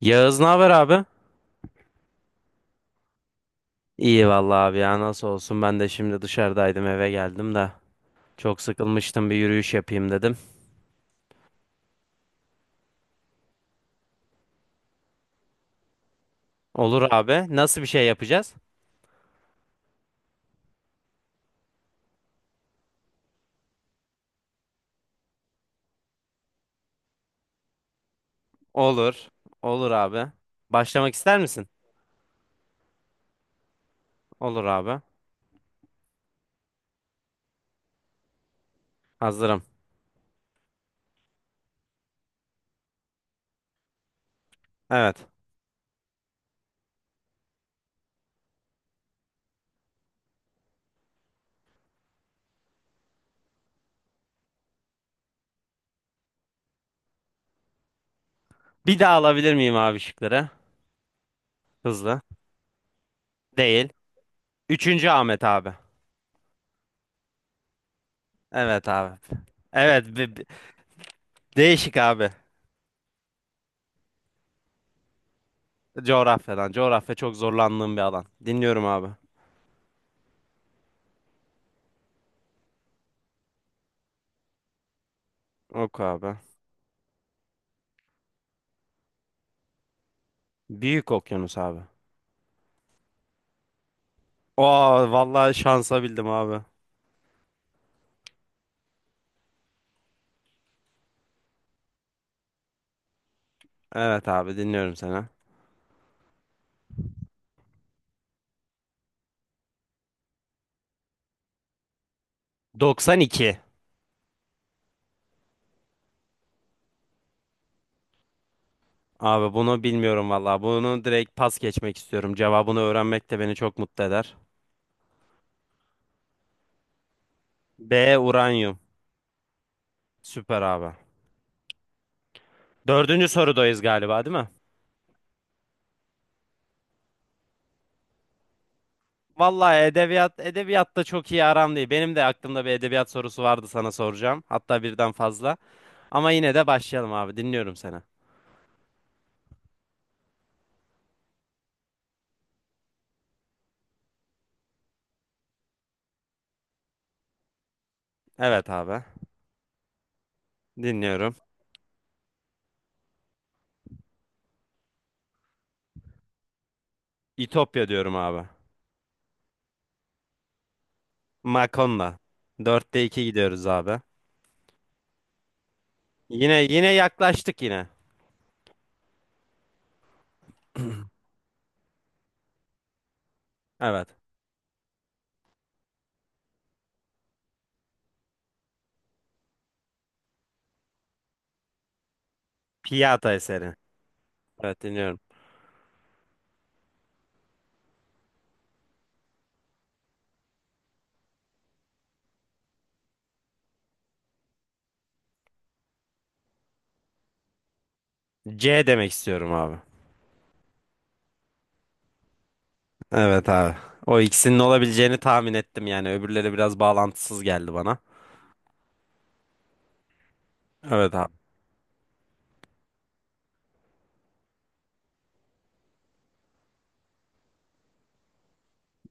Yağız ne haber abi? İyi vallahi abi ya, nasıl olsun, ben de şimdi dışarıdaydım, eve geldim de çok sıkılmıştım, bir yürüyüş yapayım dedim. Olur abi, nasıl bir şey yapacağız? Olur olur abi. Başlamak ister misin? Olur abi, hazırım. Evet. Bir daha alabilir miyim abi şıkları? Hızlı. Değil. Üçüncü Ahmet abi. Evet abi. Evet, değişik abi. Coğrafyadan, coğrafya çok zorlandığım bir alan. Dinliyorum abi. Oku abi. Büyük okyanus abi. Aa, vallahi şansa bildim abi. Evet abi, dinliyorum seni. 92. Abi bunu bilmiyorum vallahi. Bunu direkt pas geçmek istiyorum. Cevabını öğrenmek de beni çok mutlu eder. B uranyum. Süper abi. Dördüncü sorudayız galiba, değil mi? Vallahi edebiyatta çok iyi aram değil. Benim de aklımda bir edebiyat sorusu vardı, sana soracağım. Hatta birden fazla. Ama yine de başlayalım abi. Dinliyorum seni. Evet abi. Dinliyorum. İtopya diyorum abi. Makonda. 4'te 2 gidiyoruz abi. Yine yaklaştık yine. Evet. Piyata eseri. Evet, dinliyorum. C demek istiyorum abi. Evet abi. O ikisinin olabileceğini tahmin ettim yani. Öbürleri biraz bağlantısız geldi bana. Evet abi.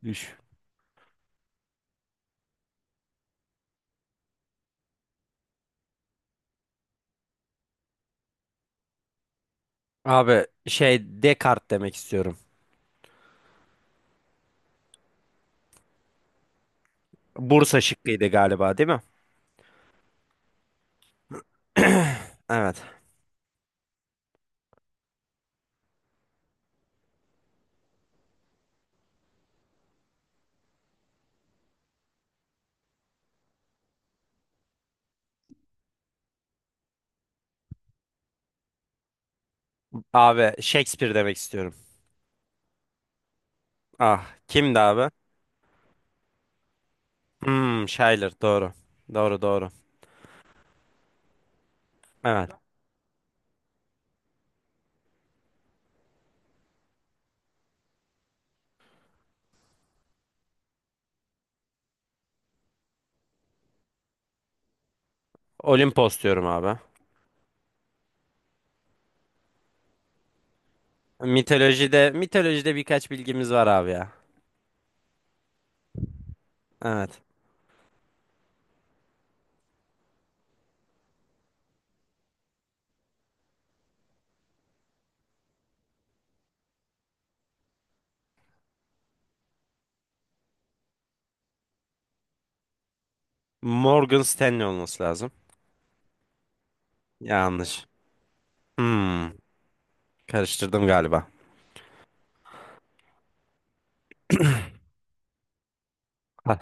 Düş. Abi Descartes demek istiyorum. Bursa şıkkıydı galiba, değil mi? Evet. Abi Shakespeare demek istiyorum. Ah, kimdi abi? Hmm, Schiller doğru. Doğru. Evet. Olimpos diyorum abi. Mitolojide birkaç bilgimiz var abi ya. Evet. Morgan Stanley olması lazım. Yanlış. Hmm, karıştırdım galiba. Ha,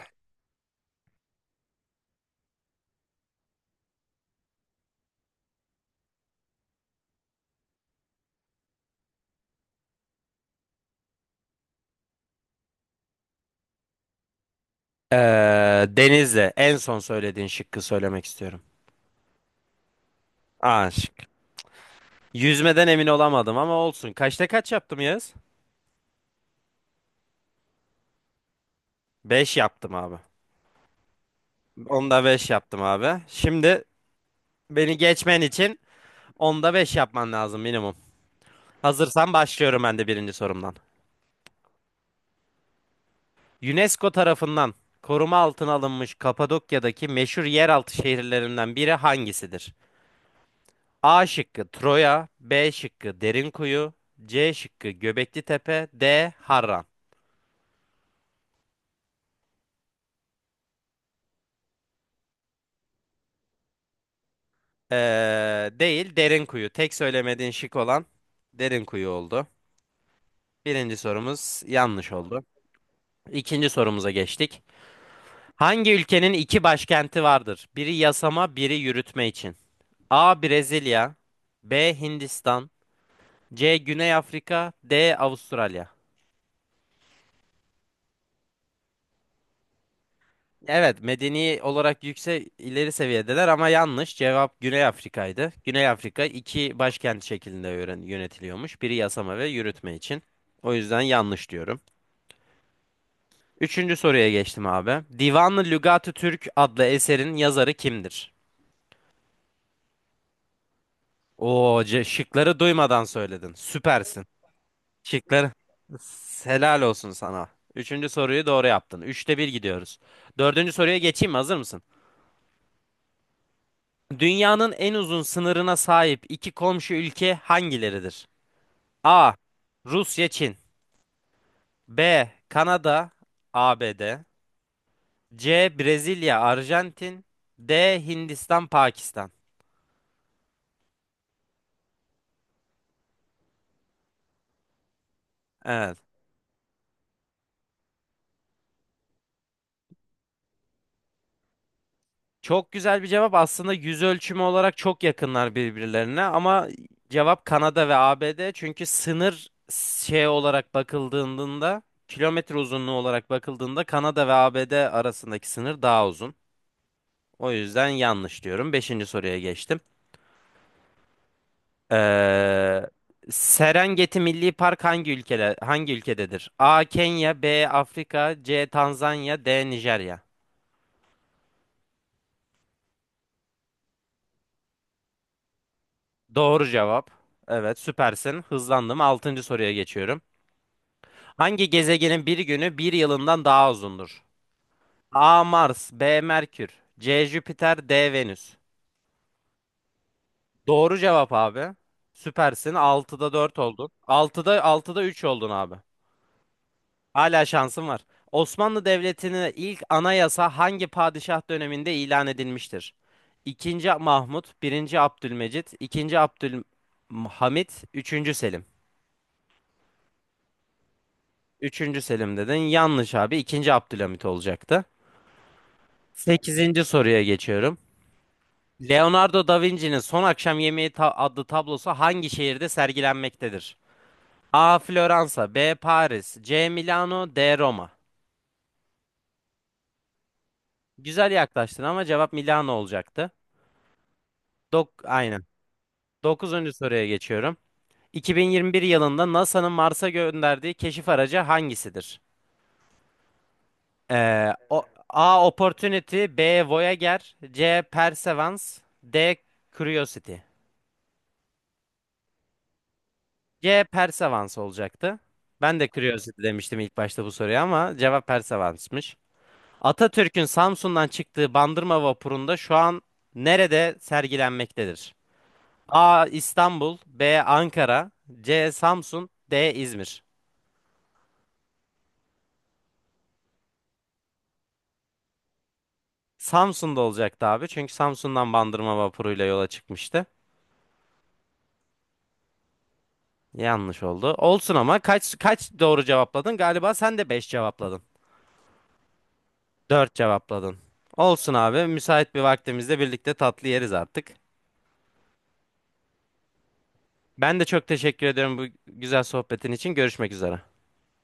Denizli. En son söylediğin şıkkı söylemek istiyorum. A şık. Yüzmeden emin olamadım ama olsun. Kaçta kaç yaptım Yağız? 5 yaptım abi. 10'da 5 yaptım abi. Şimdi beni geçmen için 10'da 5 yapman lazım minimum. Hazırsan başlıyorum ben de birinci sorumdan. UNESCO tarafından koruma altına alınmış Kapadokya'daki meşhur yeraltı şehirlerinden biri hangisidir? A şıkkı Troya, B şıkkı Derinkuyu, C şıkkı Göbekli Tepe, D Harran. Değil Derinkuyu. Tek söylemediğin şık olan Derinkuyu oldu. Birinci sorumuz yanlış oldu. İkinci sorumuza geçtik. Hangi ülkenin iki başkenti vardır? Biri yasama, biri yürütme için. A. Brezilya, B. Hindistan, C. Güney Afrika, D. Avustralya. Evet, medeni olarak yüksek, ileri seviyedeler ama yanlış. Cevap Güney Afrika'ydı. Güney Afrika iki başkent şeklinde yönetiliyormuş. Biri yasama ve yürütme için. O yüzden yanlış diyorum. Üçüncü soruya geçtim abi. Divan-ı Lügat-ı Türk adlı eserin yazarı kimdir? Oo, şıkları duymadan söyledin. Süpersin. Şıkları. Helal olsun sana. Üçüncü soruyu doğru yaptın. 3'te 1 gidiyoruz. Dördüncü soruya geçeyim mi? Hazır mısın? Dünyanın en uzun sınırına sahip iki komşu ülke hangileridir? A. Rusya, Çin. B. Kanada, ABD. C. Brezilya, Arjantin. D. Hindistan, Pakistan. Evet. Çok güzel bir cevap. Aslında yüz ölçümü olarak çok yakınlar birbirlerine ama cevap Kanada ve ABD. Çünkü sınır şey olarak bakıldığında, kilometre uzunluğu olarak bakıldığında Kanada ve ABD arasındaki sınır daha uzun. O yüzden yanlış diyorum. Beşinci soruya geçtim. Ee, Serengeti Milli Park hangi ülkede hangi ülkededir? A. Kenya, B. Afrika, C. Tanzanya, D. Nijerya. Doğru cevap. Evet, süpersin. Hızlandım. Altıncı soruya geçiyorum. Hangi gezegenin bir günü bir yılından daha uzundur? A. Mars, B. Merkür, C. Jüpiter, D. Venüs. Doğru cevap abi. Süpersin. 6'da 4 oldun. Altıda 3 oldun abi. Hala şansım var. Osmanlı Devleti'nin ilk anayasa hangi padişah döneminde ilan edilmiştir? İkinci Mahmut, birinci Abdülmecit, ikinci Abdülhamit, üçüncü Selim. Üçüncü Selim dedin. Yanlış abi. İkinci Abdülhamit olacaktı. Sekizinci soruya geçiyorum. Leonardo da Vinci'nin Son Akşam Yemeği adlı tablosu hangi şehirde sergilenmektedir? A. Floransa, B. Paris, C. Milano, D. Roma. Güzel yaklaştın ama cevap Milano olacaktı. Aynen. Dokuzuncu soruya geçiyorum. 2021 yılında NASA'nın Mars'a gönderdiği keşif aracı hangisidir? A. Opportunity, B. Voyager, C. Perseverance, D. Curiosity. C. Perseverance olacaktı. Ben de Curiosity demiştim ilk başta bu soruya ama cevap Perseverance'mış. Atatürk'ün Samsun'dan çıktığı Bandırma vapurunda şu an nerede sergilenmektedir? A. İstanbul, B. Ankara, C. Samsun, D. İzmir. Samsun'da olacaktı abi. Çünkü Samsun'dan Bandırma vapuruyla yola çıkmıştı. Yanlış oldu. Olsun, ama kaç kaç doğru cevapladın? Galiba sen de 5 cevapladın. 4 cevapladın. Olsun abi. Müsait bir vaktimizde birlikte tatlı yeriz artık. Ben de çok teşekkür ediyorum bu güzel sohbetin için. Görüşmek üzere.